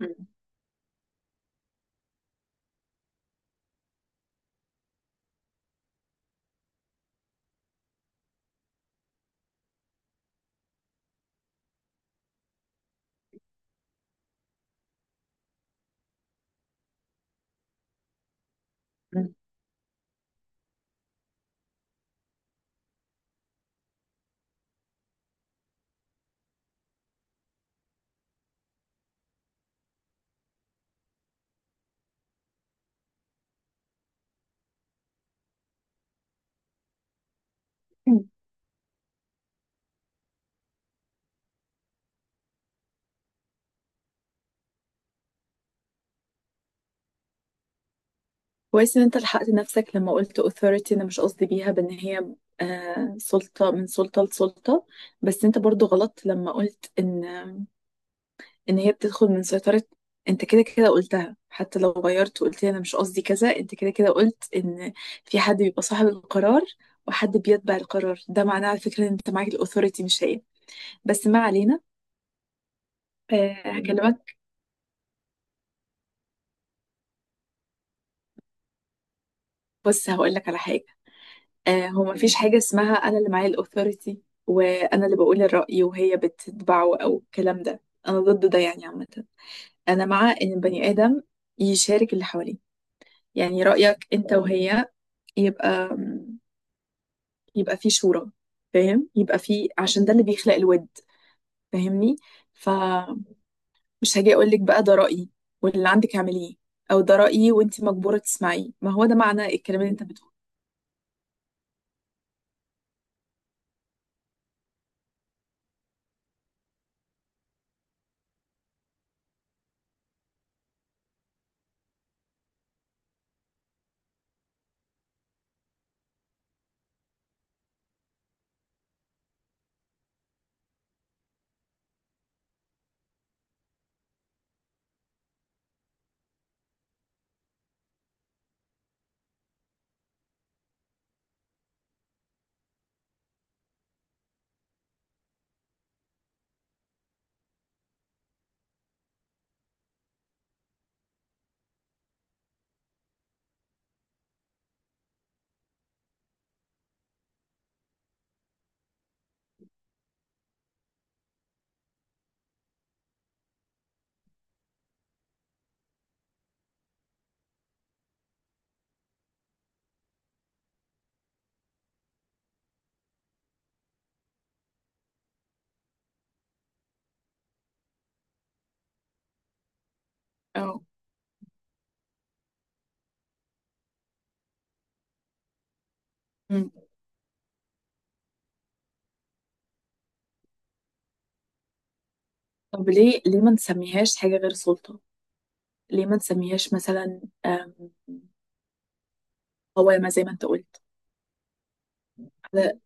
مم. مم. كويس ان انت لحقت نفسك لما قلت authority، انا مش قصدي بيها بان هي سلطة، من سلطة لسلطة. بس انت برضو غلط لما قلت ان هي بتدخل من سيطرة. انت كده كده قلتها، حتى لو غيرت وقلت لي انا مش قصدي كذا، انت كده كده قلت ان في حد بيبقى صاحب القرار وحد بيتبع القرار، ده معناه على فكرة ان انت معاك الاوثوريتي مش هي. بس ما علينا. آه، هكلمك. بص، هقول لك على حاجة. هو مفيش حاجة اسمها أنا اللي معايا الأوثوريتي وأنا اللي بقول الرأي وهي بتتبعه أو الكلام ده. أنا ضد ده يعني عامة. أنا مع إن البني آدم يشارك اللي حواليه، يعني رأيك أنت وهي. يبقى يبقى في شورى. فاهم؟ يبقى في، عشان ده اللي بيخلق الود. فاهمني؟ فمش هاجي أقولك بقى ده رأيي واللي عندك اعمليه، أو ده رأيي وأنت مجبورة تسمعيه، ما هو ده معنى الكلام اللي أنت بتقوله. أه. أمم. طب ليه ما نسميهاش حاجة غير سلطة؟ ليه ما نسميهاش مثلا قوامة زي ما انت قلت؟ على.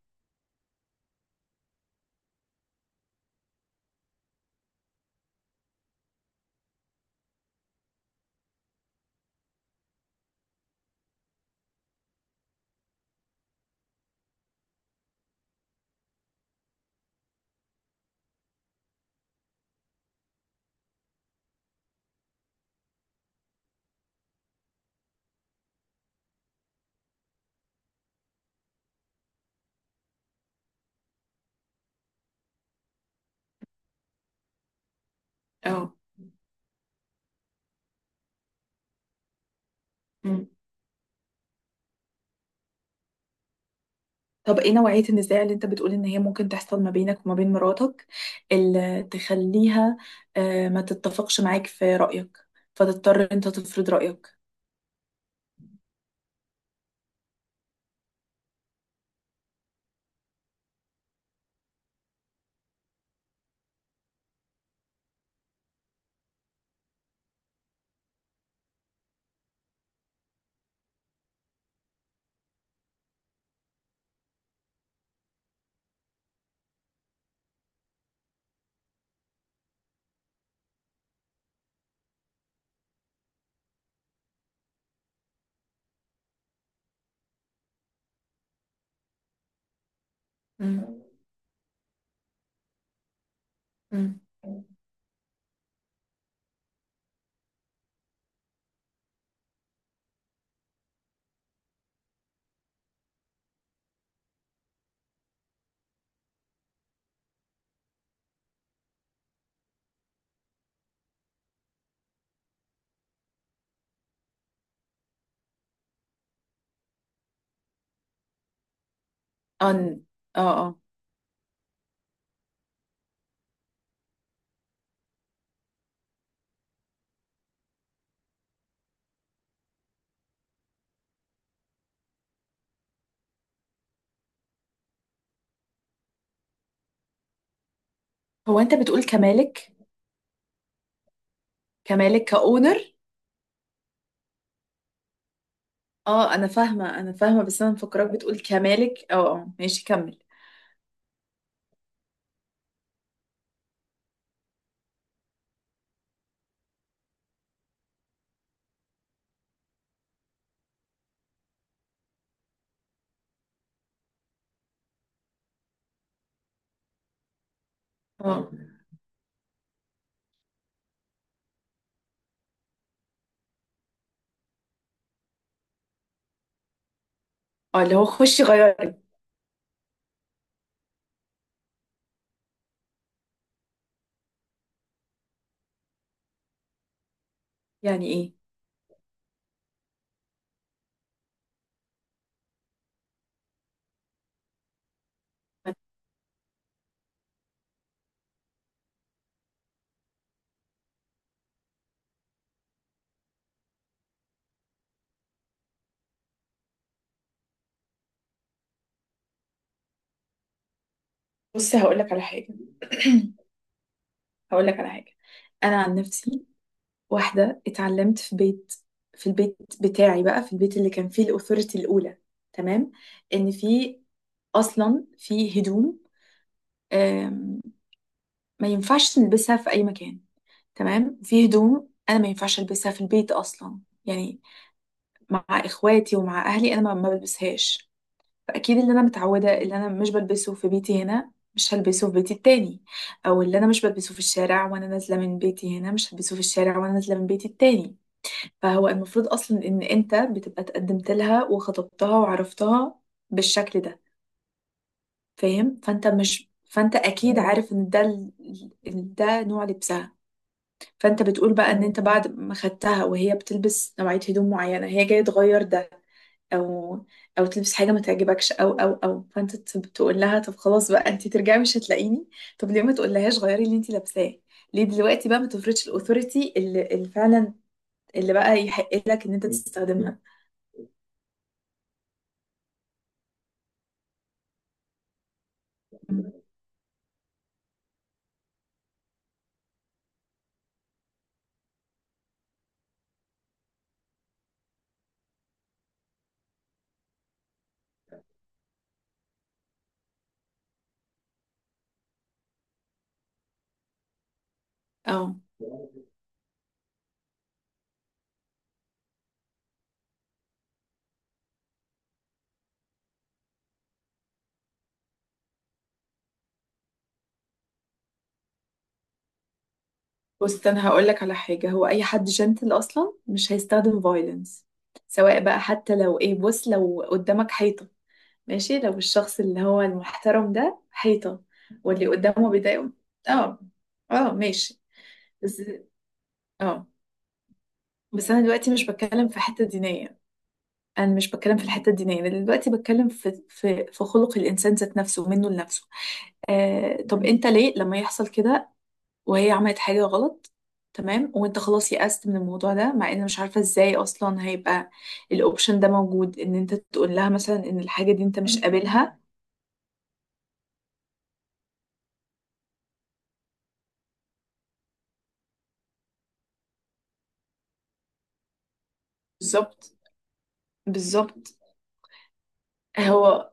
اه. مم. طب ايه نوعية النزاع اللي انت بتقول ان هي ممكن تحصل ما بينك وما بين مراتك، اللي تخليها ما تتفقش معاك في رأيك، فتضطر انت تفرض رأيك؟ مم. مم. أن... اه، اه. هو انت بتقول كمالك؟ كمالك، كأونر؟ اه، انا فاهمة انا فاهمة، بس انا مفكراك بتقول كمالك. اه، اه، ماشي، كمل. اه اه، اللي هو خشي غيري. يعني ايه؟ بصي، هقول لك على حاجة. هقول لك على حاجة. أنا عن نفسي، واحدة اتعلمت في البيت بتاعي، بقى في البيت اللي كان فيه الأوثوريتي الأولى، تمام. إن في، أصلا في هدوم آم، ما ينفعش نلبسها في أي مكان. تمام، في هدوم أنا ما ينفعش ألبسها في البيت أصلا. يعني، مع إخواتي ومع أهلي أنا ما بلبسهاش. فاكيد اللي انا متعوده، اللي انا مش بلبسه في بيتي هنا مش هلبسه في بيتي التاني. او اللي انا مش بلبسه في الشارع وانا نازله من بيتي هنا مش هلبسه في الشارع وانا نازله من بيتي التاني. فهو المفروض اصلا ان انت بتبقى اتقدمت لها وخطبتها وعرفتها بالشكل ده. فاهم؟ فانت مش فانت اكيد عارف ان ده ده نوع لبسها. فانت بتقول بقى ان انت بعد ما خدتها وهي بتلبس نوعيه هدوم معينه، هي جايه تغير ده او او تلبس حاجه ما تعجبكش، او فانت تقول لها طب خلاص بقى انت ترجعي مش هتلاقيني. طب ليه ما تقولهاش غيري اللي انت لابساه؟ ليه دلوقتي بقى ما تفرضش الاوثوريتي اللي فعلا اللي بقى يحق لك ان انت تستخدمها؟ اه. بص انا هقول لك على حاجه، هو اي حد جنتل اصلا مش هيستخدم فايلنس، سواء بقى، حتى لو ايه، بص لو قدامك حيطه، ماشي، لو الشخص اللي هو المحترم ده حيطه واللي قدامه بيضايقه. اه. اه، ماشي. بس. اه. بس انا دلوقتي مش بتكلم في حته دينيه. انا مش بتكلم في الحته الدينيه، انا دلوقتي بتكلم في خلق الانسان ذات نفسه منه لنفسه. آه، طب انت ليه لما يحصل كده وهي عملت حاجه غلط، تمام، وانت خلاص يأست من الموضوع ده، مع ان مش عارفه ازاي اصلا هيبقى الاوبشن ده موجود، ان انت تقول لها مثلا ان الحاجه دي انت مش قابلها؟ بالظبط، بالظبط. هو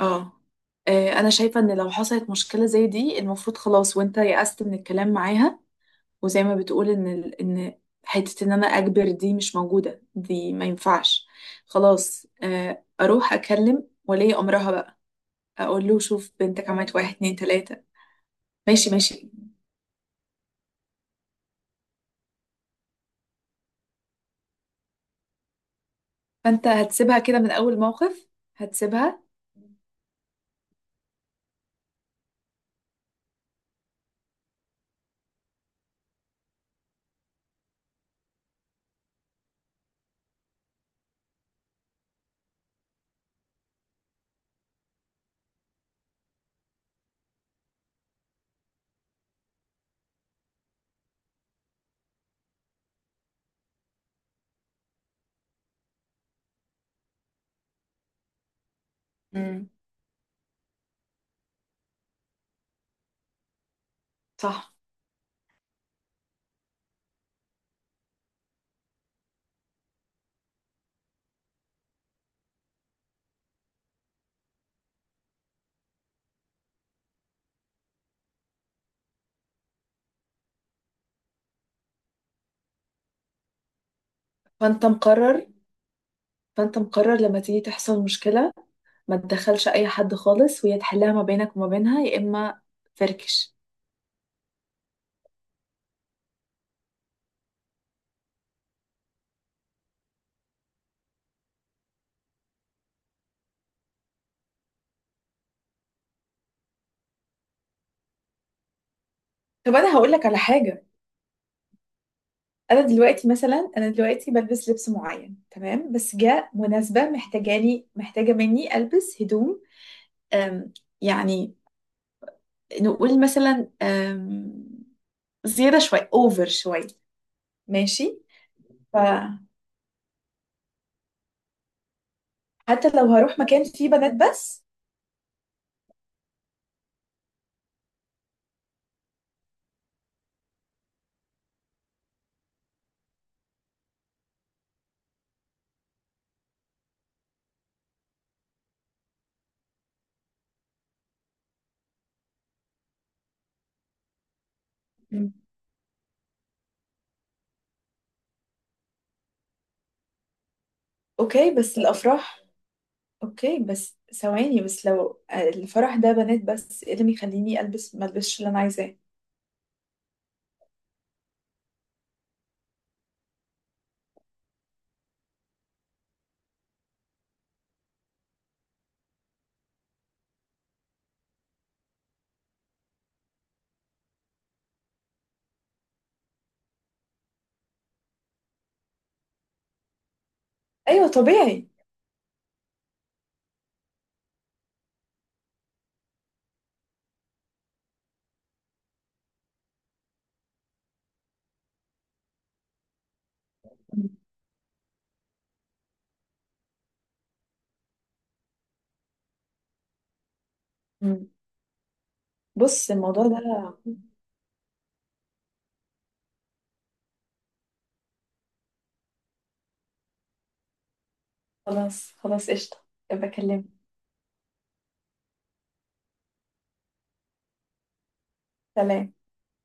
اه. انا شايفه ان لو حصلت مشكله زي دي المفروض خلاص وانت يأست من الكلام معاها. وزي ما بتقول ان ان حته ان انا اجبر دي مش موجوده، دي ما ينفعش. خلاص اروح اكلم ولي امرها بقى، اقول له شوف بنتك عملت واحد اتنين تلاته. ماشي، ماشي. فانت هتسيبها كده من اول موقف؟ هتسيبها؟ امم. صح. فانت مقرر فانت مقرر لما تيجي تحصل مشكله، ما تدخلش اي حد خالص وهي تحلها ما بينك وما بينها، يا اما فركش. طب انا هقول لك على حاجه. انا دلوقتي مثلا، انا دلوقتي بلبس لبس معين، تمام، بس جاء مناسبة محتاجة مني البس هدوم. أم يعني، نقول مثلا زيادة شوية، اوفر شوية، ماشي. فحتى لو هروح مكان فيه بنات بس. مم. اوكي بس الافراح اوكي بس ثواني، بس لو الفرح ده بنات بس، ايه اللي يخليني البس ما البسش اللي انا عايزاه؟ ايوه طبيعي. مم. بص، الموضوع ده. خلاص، خلاص، قشطة. بكلمك. سلام.